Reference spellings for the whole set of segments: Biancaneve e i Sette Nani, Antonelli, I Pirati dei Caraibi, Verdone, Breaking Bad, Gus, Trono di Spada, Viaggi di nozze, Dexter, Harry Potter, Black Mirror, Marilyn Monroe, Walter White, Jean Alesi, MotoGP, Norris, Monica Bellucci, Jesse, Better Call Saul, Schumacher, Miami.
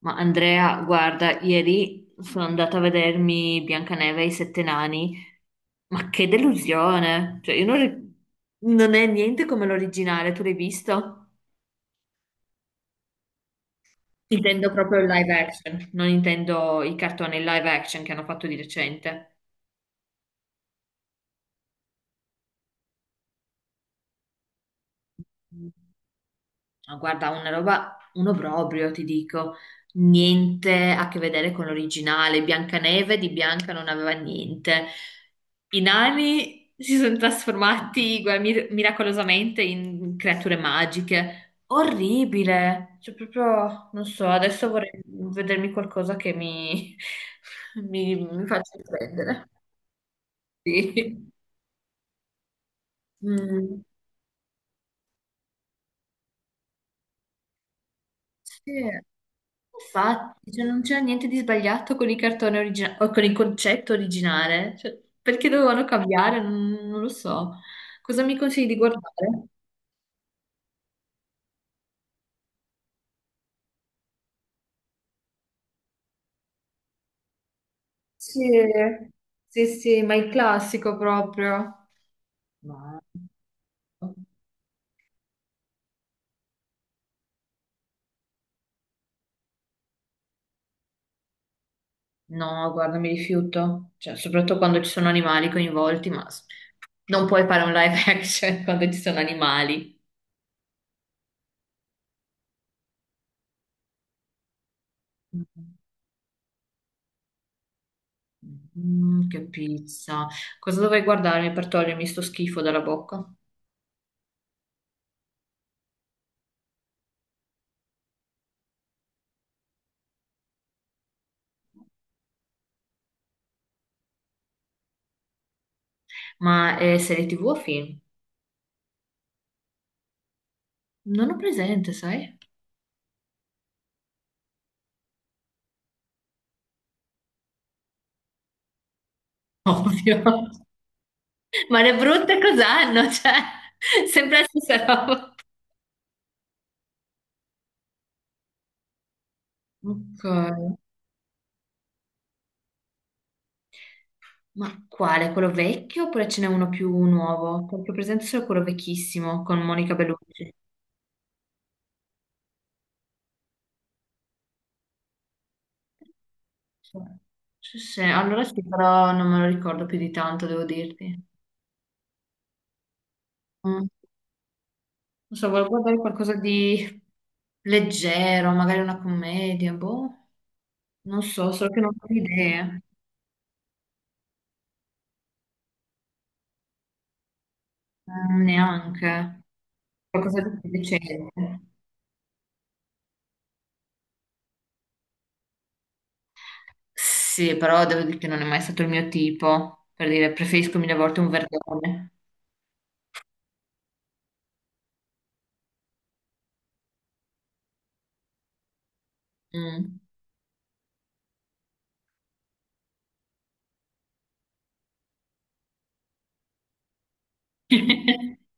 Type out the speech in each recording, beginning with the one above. Ma Andrea, guarda, ieri sono andata a vedermi Biancaneve e i Sette Nani, ma che delusione! Cioè, io non, ri- non è niente come l'originale, tu l'hai visto? Intendo proprio il live action, non intendo i cartoni live action che hanno fatto di recente. Ma guarda, una roba, uno proprio, ti dico, niente a che vedere con l'originale. Biancaneve di Bianca non aveva niente. I nani si sono trasformati guarda, miracolosamente in creature magiche. Orribile! Cioè, proprio, non so, adesso vorrei vedermi qualcosa che mi, mi faccia prendere. Sì. Mm, sì. Infatti, cioè, non c'era niente di sbagliato con il cartone originale o con il concetto originale. Cioè, perché dovevano cambiare? Non lo so. Cosa mi consigli di guardare? Sì, sì, sì, ma il classico proprio. Ma- No, guarda, mi rifiuto. Cioè, soprattutto quando ci sono animali coinvolti, non puoi fare un live action quando ci sono animali. Che pizza. Cosa dovrei guardarmi per togliermi sto schifo dalla bocca? Ma è serie TV o film? Non ho presente, sai? Ovvio. Ma le brutte cos'hanno? Cioè, sempre la stessa roba. Ok. Ma quale? Quello vecchio oppure ce n'è uno più nuovo? Perché ho presente solo quello vecchissimo con Monica Bellucci. Sì, sì, sì, allora sì, però non me lo ricordo più di tanto, devo dirti. Mm. Non so, volevo guardare qualcosa di leggero, magari una commedia, boh. Non so, solo che non ho idea. Mm, neanche. Qualcosa di più decente. Sì, però devo dire che non è mai stato il mio tipo. Per dire, preferisco mille volte un verdone. Mm.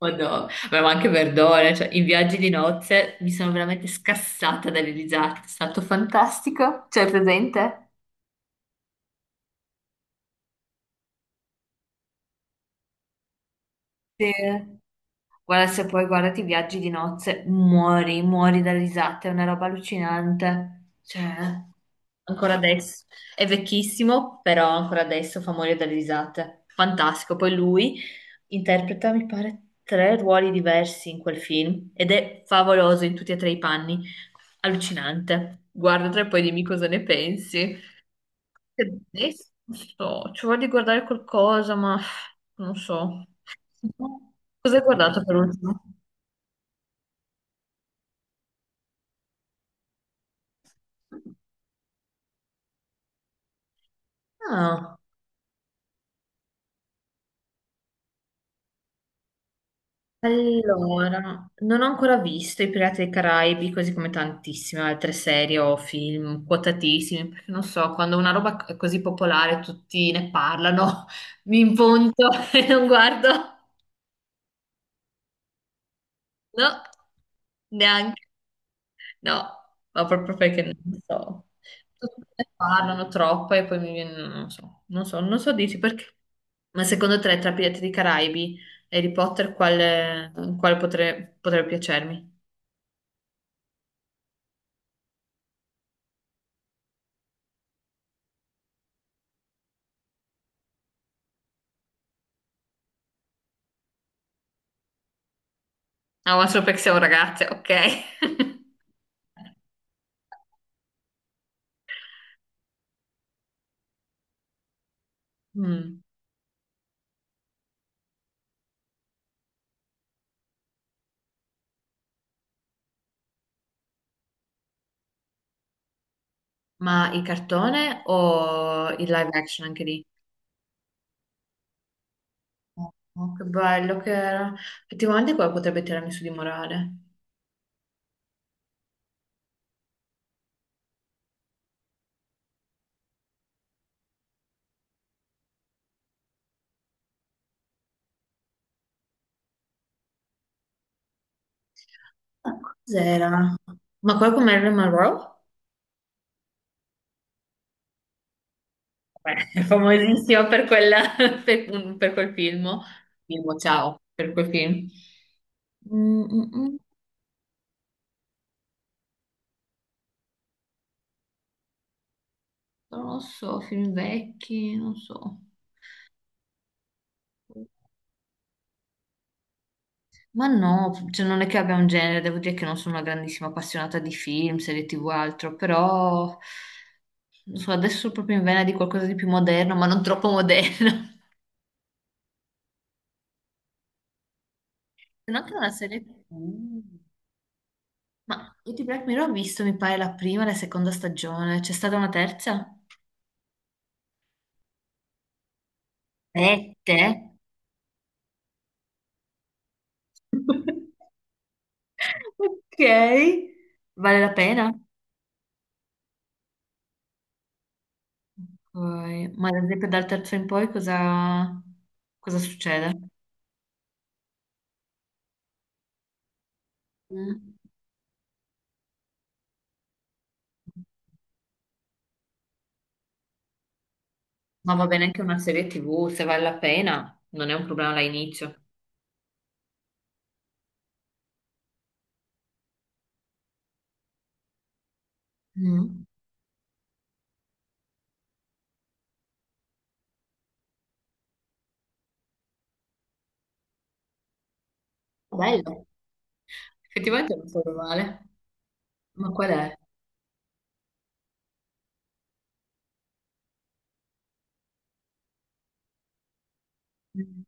Madonna, vabbè, ma anche verdone, cioè, in viaggi di nozze mi sono veramente scassata dalle risate, è stato fantastico. Cioè, presente? Sì. Guarda, se poi guardati i viaggi di nozze, muori, muori da risate, è una roba allucinante. Cioè, ancora adesso. È vecchissimo, però ancora adesso fa morire dalle risate. Fantastico. Poi lui interpreta, mi pare, tre ruoli diversi in quel film ed è favoloso in tutti e tre i panni. Allucinante. Guardatelo e poi dimmi cosa ne pensi. Adesso, non so, ci voglio guardare qualcosa, ma non so. Cosa hai guardato per ultimo? Ah, allora, non ho ancora visto I Pirati dei Caraibi, così come tantissime altre serie o film quotatissimi, perché non so, quando una roba è così popolare tutti ne parlano, mi impunto e non guardo. No, neanche. No, ma proprio perché non so. Tutti ne parlano troppo e poi mi viene, non so dirti perché. Ma secondo te, tra Pirati dei Caraibi e Harry Potter, potrebbe piacermi? Ah, ma solo perché siamo ragazze, ok. Mm. Ma il cartone o il live action anche lì? Oh, che bello che era. Effettivamente quello potrebbe tirarmi su di morale. Ma cos'era? Ma quello con Marilyn Monroe? Beh, è famosissima per quella, per quel film. Film, ciao, per quel film. Mm, mm, mm, non lo so, film vecchi, non so. Ma no, cioè non è che abbia un genere, devo dire che non sono una grandissima appassionata di film, serie TV o altro, però non so, adesso sono proprio in vena di qualcosa di più moderno, ma non troppo moderno. Se no anche una serie TV. Ma io di Black Mirror ho visto, mi pare, la prima e la seconda stagione. C'è stata una terza? Sette? Ok, vale la pena? Ok, ma ad esempio dal terzo in poi cosa succede? Mm. Ma va bene anche una serie TV, se vale la pena, non è un problema all'inizio. Mm. Bello, effettivamente non so male. Ma qual è? Mm.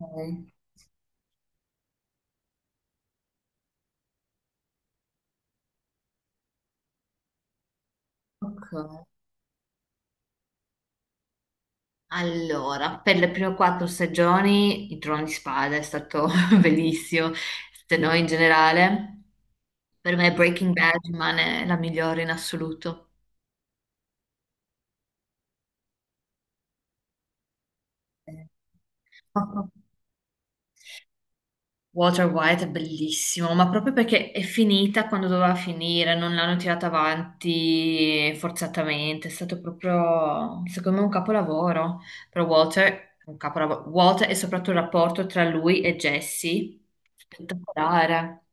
Ok. Ok. Allora, per le prime quattro stagioni il Trono di Spada è stato bellissimo, se no in generale, per me Breaking Bad rimane la migliore in assoluto. Eh. Walter White è bellissimo, ma proprio perché è finita quando doveva finire, non l'hanno tirata avanti forzatamente, è stato proprio, secondo me, un capolavoro. Però Walter, un capolavoro, Walter e soprattutto il rapporto tra lui e Jesse, spettacolare.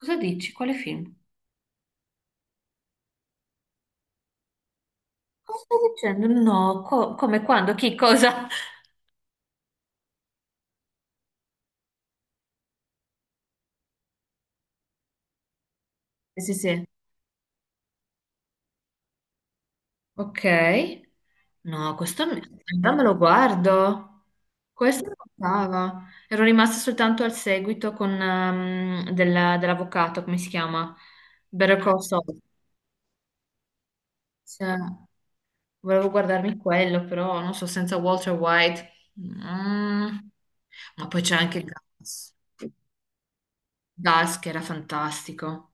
Cosa dici? Quale film? Cosa stai dicendo? No, come quando? Chi? Cosa? Sì, sì, sì. Ok. No, allora me lo guardo. Questo mi mancava. Ero rimasta soltanto al seguito con, dell'avvocato, come si chiama? Better Call Saul. Cioè, volevo guardarmi quello, però non so, senza Walter White. Mm. Ma poi c'è anche Gus. Gus che era fantastico.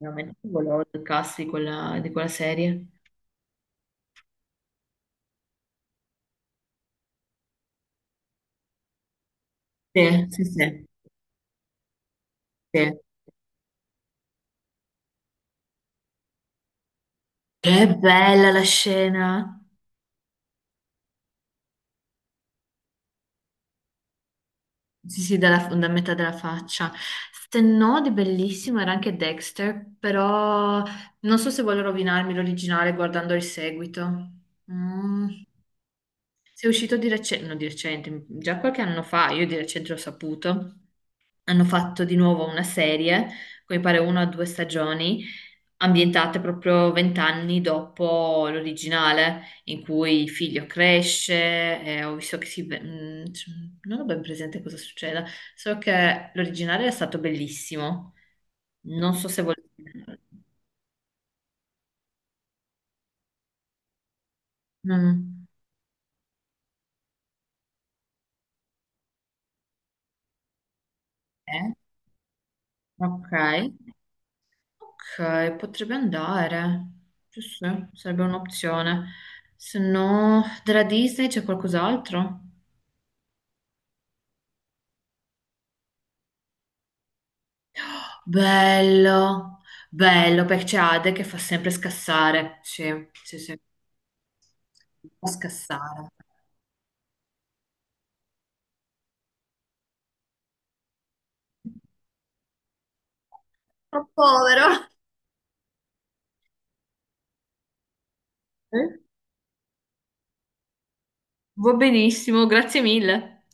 Veramente volevo il cast di quella serie. Sì, sì, sì, sì. Che bella la scena. Sì, sì, da metà della faccia. Se no, di bellissimo era anche Dexter, però non so se voglio rovinarmi l'originale guardando il seguito. Mm. Se è uscito di recente, no, di recente, già qualche anno fa, io di recente l'ho saputo hanno fatto di nuovo una serie, come pare una o due stagioni, ambientate proprio vent'anni dopo l'originale, in cui il figlio cresce, e ho visto che non ho ben presente cosa succeda, so che l'originale è stato bellissimo, non so se volete... Mm. Eh? Ok, ok, potrebbe andare, sì, sì, sarebbe un'opzione. Se no, della Disney c'è qualcos'altro? Bello, bello, perché c'è Ade che fa sempre scassare. Sì, sì, sì, fa scassare. Oh, povero. Eh? Va benissimo, grazie mille.